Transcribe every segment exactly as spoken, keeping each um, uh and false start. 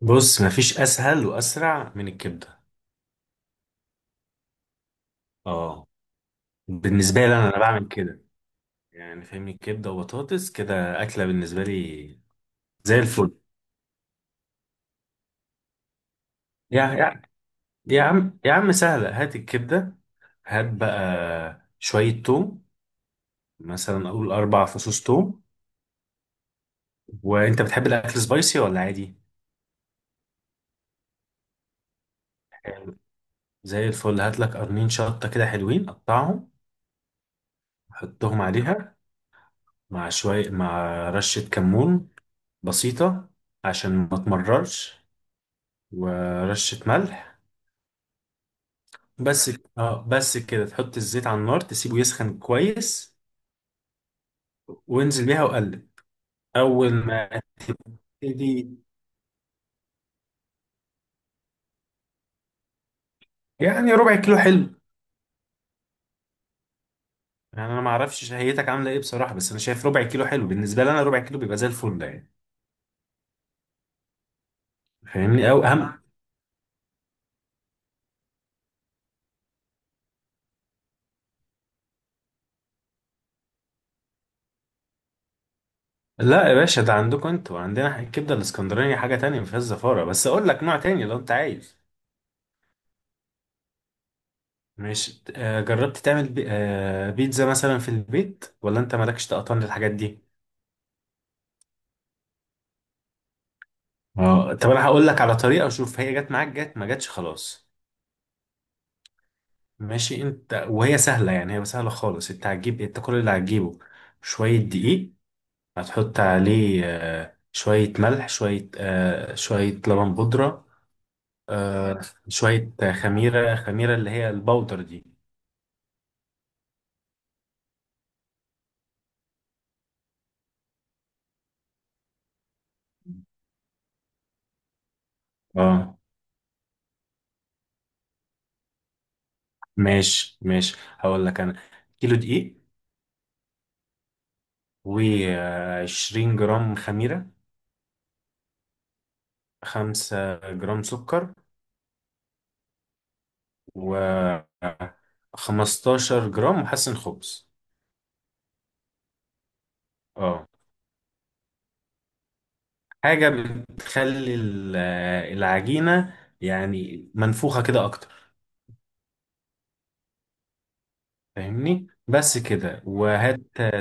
بص مفيش اسهل واسرع من الكبده. اه بالنسبه لي انا انا بعمل كده، يعني فاهمني، كبده وبطاطس كده اكله بالنسبه لي زي الفل. يا يا يا عم يا عم سهله، هات الكبده، هات بقى شويه توم، مثلا اقول اربع فصوص توم. وانت بتحب الاكل سبايسي ولا عادي؟ زي الفل، هات لك قرنين شطه كده حلوين قطعهم، حطهم عليها مع شويه مع رشه كمون بسيطه عشان ما تمررش، ورشة ملح بس. اه بس كده تحط الزيت على النار تسيبه يسخن كويس وانزل بيها وقلب. اول ما تبتدي، يعني ربع كيلو حلو، يعني انا ما اعرفش شهيتك عامله ايه بصراحه، بس انا شايف ربع كيلو حلو، بالنسبه لي انا ربع كيلو بيبقى زي الفل ده، يعني فاهمني او اهم. لا يا باشا، ده عندكم انتوا، عندنا الكبده الاسكندرانيه حاجه تانية ما فيهاش زفاره، بس اقول لك نوع تاني لو انت عايز. مش آه، جربت تعمل بي... آه، بيتزا مثلا في البيت، ولا انت مالكش تقطن للحاجات دي؟ اه طب انا هقول لك على طريقه. شوف، هي جت معاك جت، ما جاتش خلاص ماشي. انت وهي سهله، يعني هي سهله خالص. انت هتجيب، انت كل اللي هتجيبه شويه دقيق، هتحط عليه آه، شويه ملح، شويه آه، شويه لبن بودره، آه، شويه آه، خميره، خميره اللي هي البودر دي. اه ماشي ماشي، هقول لك انا: كيلو دقيق، و20 جرام خميره، خمسة جرام سكر جرام سكر، و 15 جرام محسن خبز. اه حاجة بتخلي ال- العجينة يعني منفوخة كده أكتر، فاهمني. بس كده. وهات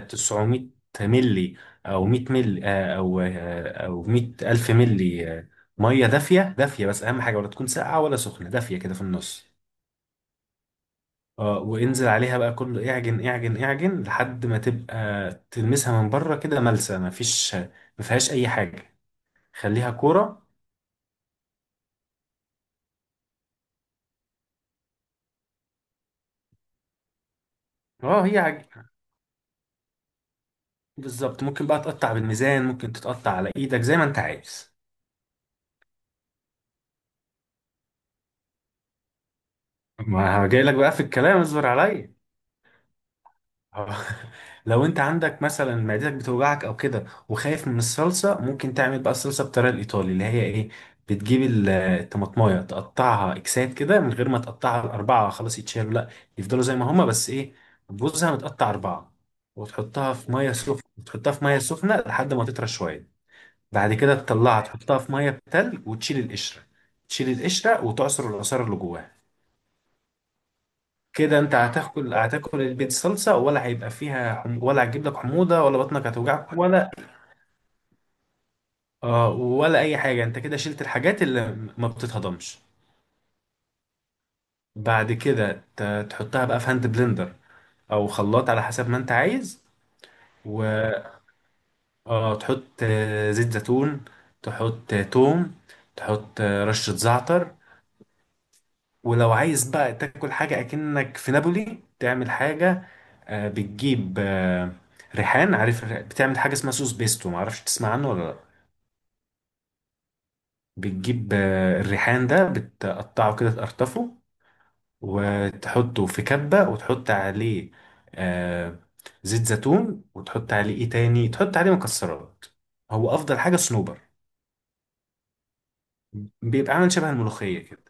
900 ملي أو 100 ملي آه، أو آه، أو مائة ألف ملي ألف ملي آه، مية دافية دافية بس أهم حاجة، ولا تكون ساقعة ولا سخنة، دافية كده في النص. اه وانزل عليها بقى كله، اعجن اعجن اعجن لحد ما تبقى تلمسها من بره كده ملسة، مفيش ما فيهاش أي حاجة، خليها كورة. اه، هي عج... بالظبط. ممكن بقى تقطع بالميزان، ممكن تتقطع على ايدك زي ما انت عايز. ما جاي لك بقى في الكلام، اصبر عليا. آه. لو انت عندك مثلا معدتك بتوجعك او كده، وخايف من الصلصة، ممكن تعمل بقى الصلصة بالطريقة الايطالي، اللي هي ايه؟ بتجيب ال- الطماطمايه تقطعها اكسات كده، من غير ما تقطعها الاربعة خلاص يتشالوا، لا، يفضلوا زي ما هما، بس ايه، جوزها متقطع اربعة، وتحطها في ميه سخنة وتحطها في ميه سخنة لحد ما تطرى شوية. بعد كده تطلعها تحطها في ميه بتلج وتشيل القشره، تشيل القشره وتعصر العصاره اللي جواها. كده انت هتاكل هتاكل البيت صلصه، ولا هيبقى فيها حم... ولا هتجيب لك حموضه، ولا بطنك هتوجعك، ولا آه، ولا اي حاجه. انت كده شلت الحاجات اللي ما بتتهضمش. بعد كده ت- تحطها بقى في هاند بلندر او خلاط، على حسب ما انت عايز. و آه تحط آه، زيت زيتون، تحط آه، توم، تحط آه، رشه زعتر. ولو عايز بقى تاكل حاجة أكنك في نابولي، تعمل حاجة، آه، بتجيب آه، ريحان. عارف الر- بتعمل حاجة اسمها سوس بيستو، معرفش تسمع عنه ولا لأ؟ بتجيب آه، الريحان ده بتقطعه كده، تقرطفه وتحطه في كبة، وتحط عليه آه، زيت زيتون، وتحط عليه ايه تاني، تحط عليه مكسرات، هو أفضل حاجة صنوبر، بيبقى عامل شبه الملوخية كده.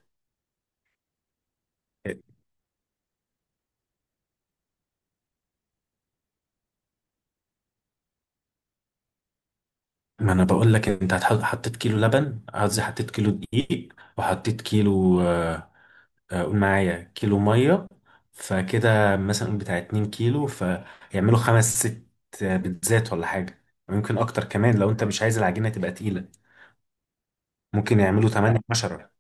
ما انا بقول لك، انت هتحط، حطيت كيلو لبن قصدي حطيت كيلو دقيق، وحطيت كيلو آه، آه، قول معايا كيلو ميه. فكده مثلا قول بتاع اتنين كيلو كيلو فيعملوا خمس ست آه، بيتزات ولا حاجه، ويمكن اكتر كمان لو انت مش عايز العجينه تبقى تقيله، ممكن يعملوا تمانية عشرة،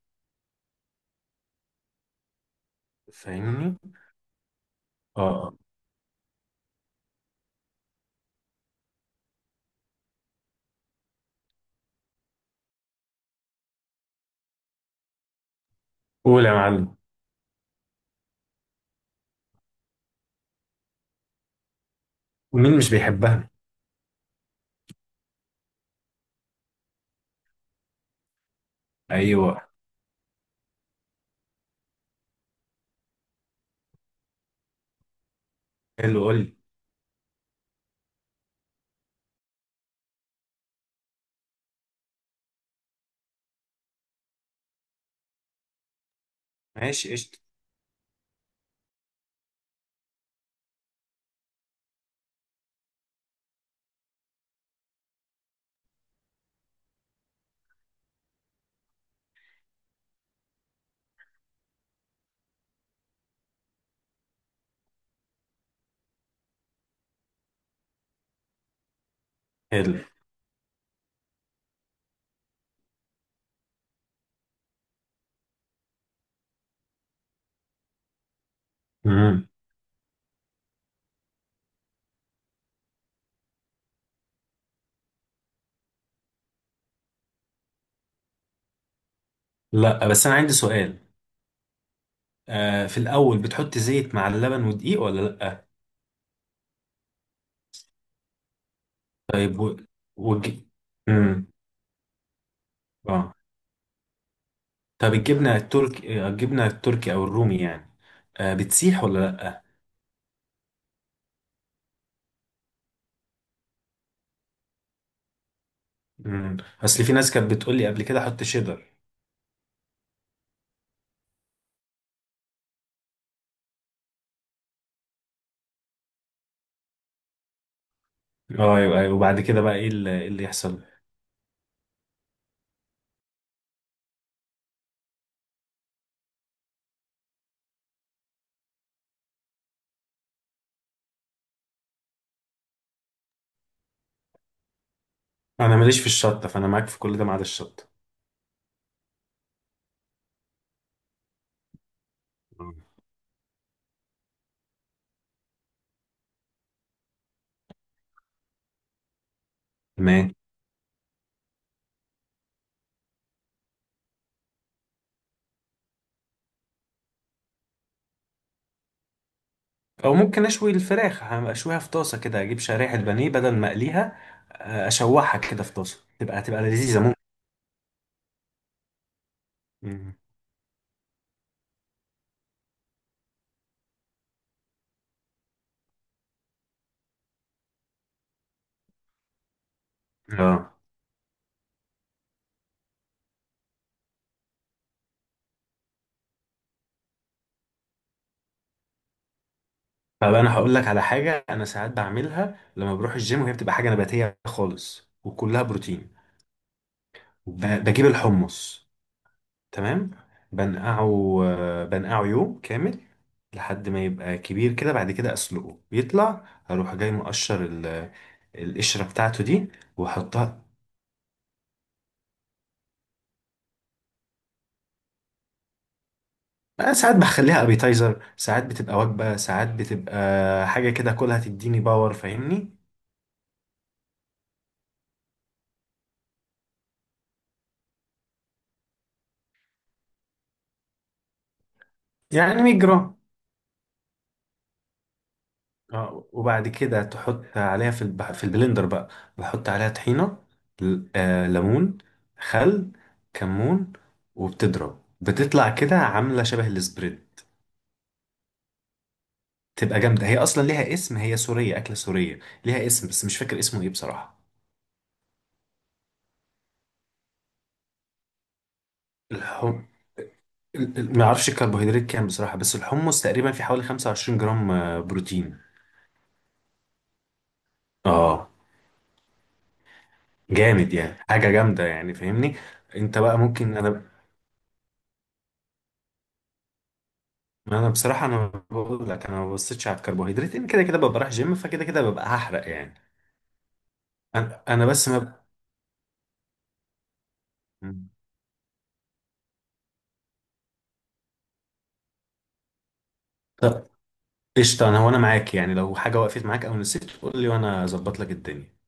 فاهمني. اه. آه. قول يا معلم. مين مش بيحبها؟ ايوه. حلو قول لي. ماشي قشطه. حلو. امم. لا، بس انا عندي سؤال. آه، في الاول بتحط زيت مع اللبن ودقيق، ولا لا؟ طيب و... والج... مم. اه، طب الجبنة التركي الجبنة التركي او الرومي يعني، آه بتسيح ولا لأ؟ مم. اصل في ناس كانت بتقول لي قبل كده حط شيدر. اه ايوه ايوه، وبعد كده بقى ايه اللي, إيه اللي يحصل؟ انا ماليش في الشطة، فانا معاك في كل ده ما عدا الشطة. آه. تمام. او ممكن اشوي الفراخ، اشويها في طاسة كده، اجيب شرايح البانيه بدل ما اقليها، آه، اشوحها كده في طاسة، تبقى تبقى لذيذة، ممكن. مم. اه، طب انا هقول لك على حاجه انا ساعات بعملها لما بروح الجيم، وهي بتبقى حاجه نباتيه خالص، وكلها بروتين. ب- بجيب الحمص. تمام. بنقعه، آه، بنقعه يوم كامل لحد ما يبقى كبير كده، بعد كده اسلقه بيطلع، اروح جاي مقشر ال- القشره بتاعته دي، واحطها. أنا ساعات بخليها ابيتايزر، ساعات بتبقى وجبه، ساعات بتبقى حاجه كده كلها تديني باور، فاهمني. يعني 100 جرام. اه، وبعد كده تحط عليها في الب... في البلندر بقى، بحط عليها طحينة، ل- آه ليمون، خل، كمون، وبتضرب، بتطلع كده عاملة شبه السبريد. تبقى جامدة، هي أصلا ليها اسم، هي سورية، أكلة سورية ليها اسم بس مش فاكر اسمه إيه بصراحة. الحم ال- ال- ما اعرفش الكربوهيدرات كام بصراحة، بس الحمص تقريبا في حوالي 25 جرام آه، بروتين. اه جامد، يعني حاجة جامدة يعني، فاهمني. انت بقى ممكن، انا انا بصراحه انا بقول لك، انا ما ببصيتش على الكربوهيدرات لان كده كده ببقى رايح جيم، فكده كده ببقى هحرق يعني. انا انا بس ما ب- طب قشطه، انا وانا معاك، يعني لو حاجه وقفت معاك او نسيت قول لي وانا اظبط لك الدنيا.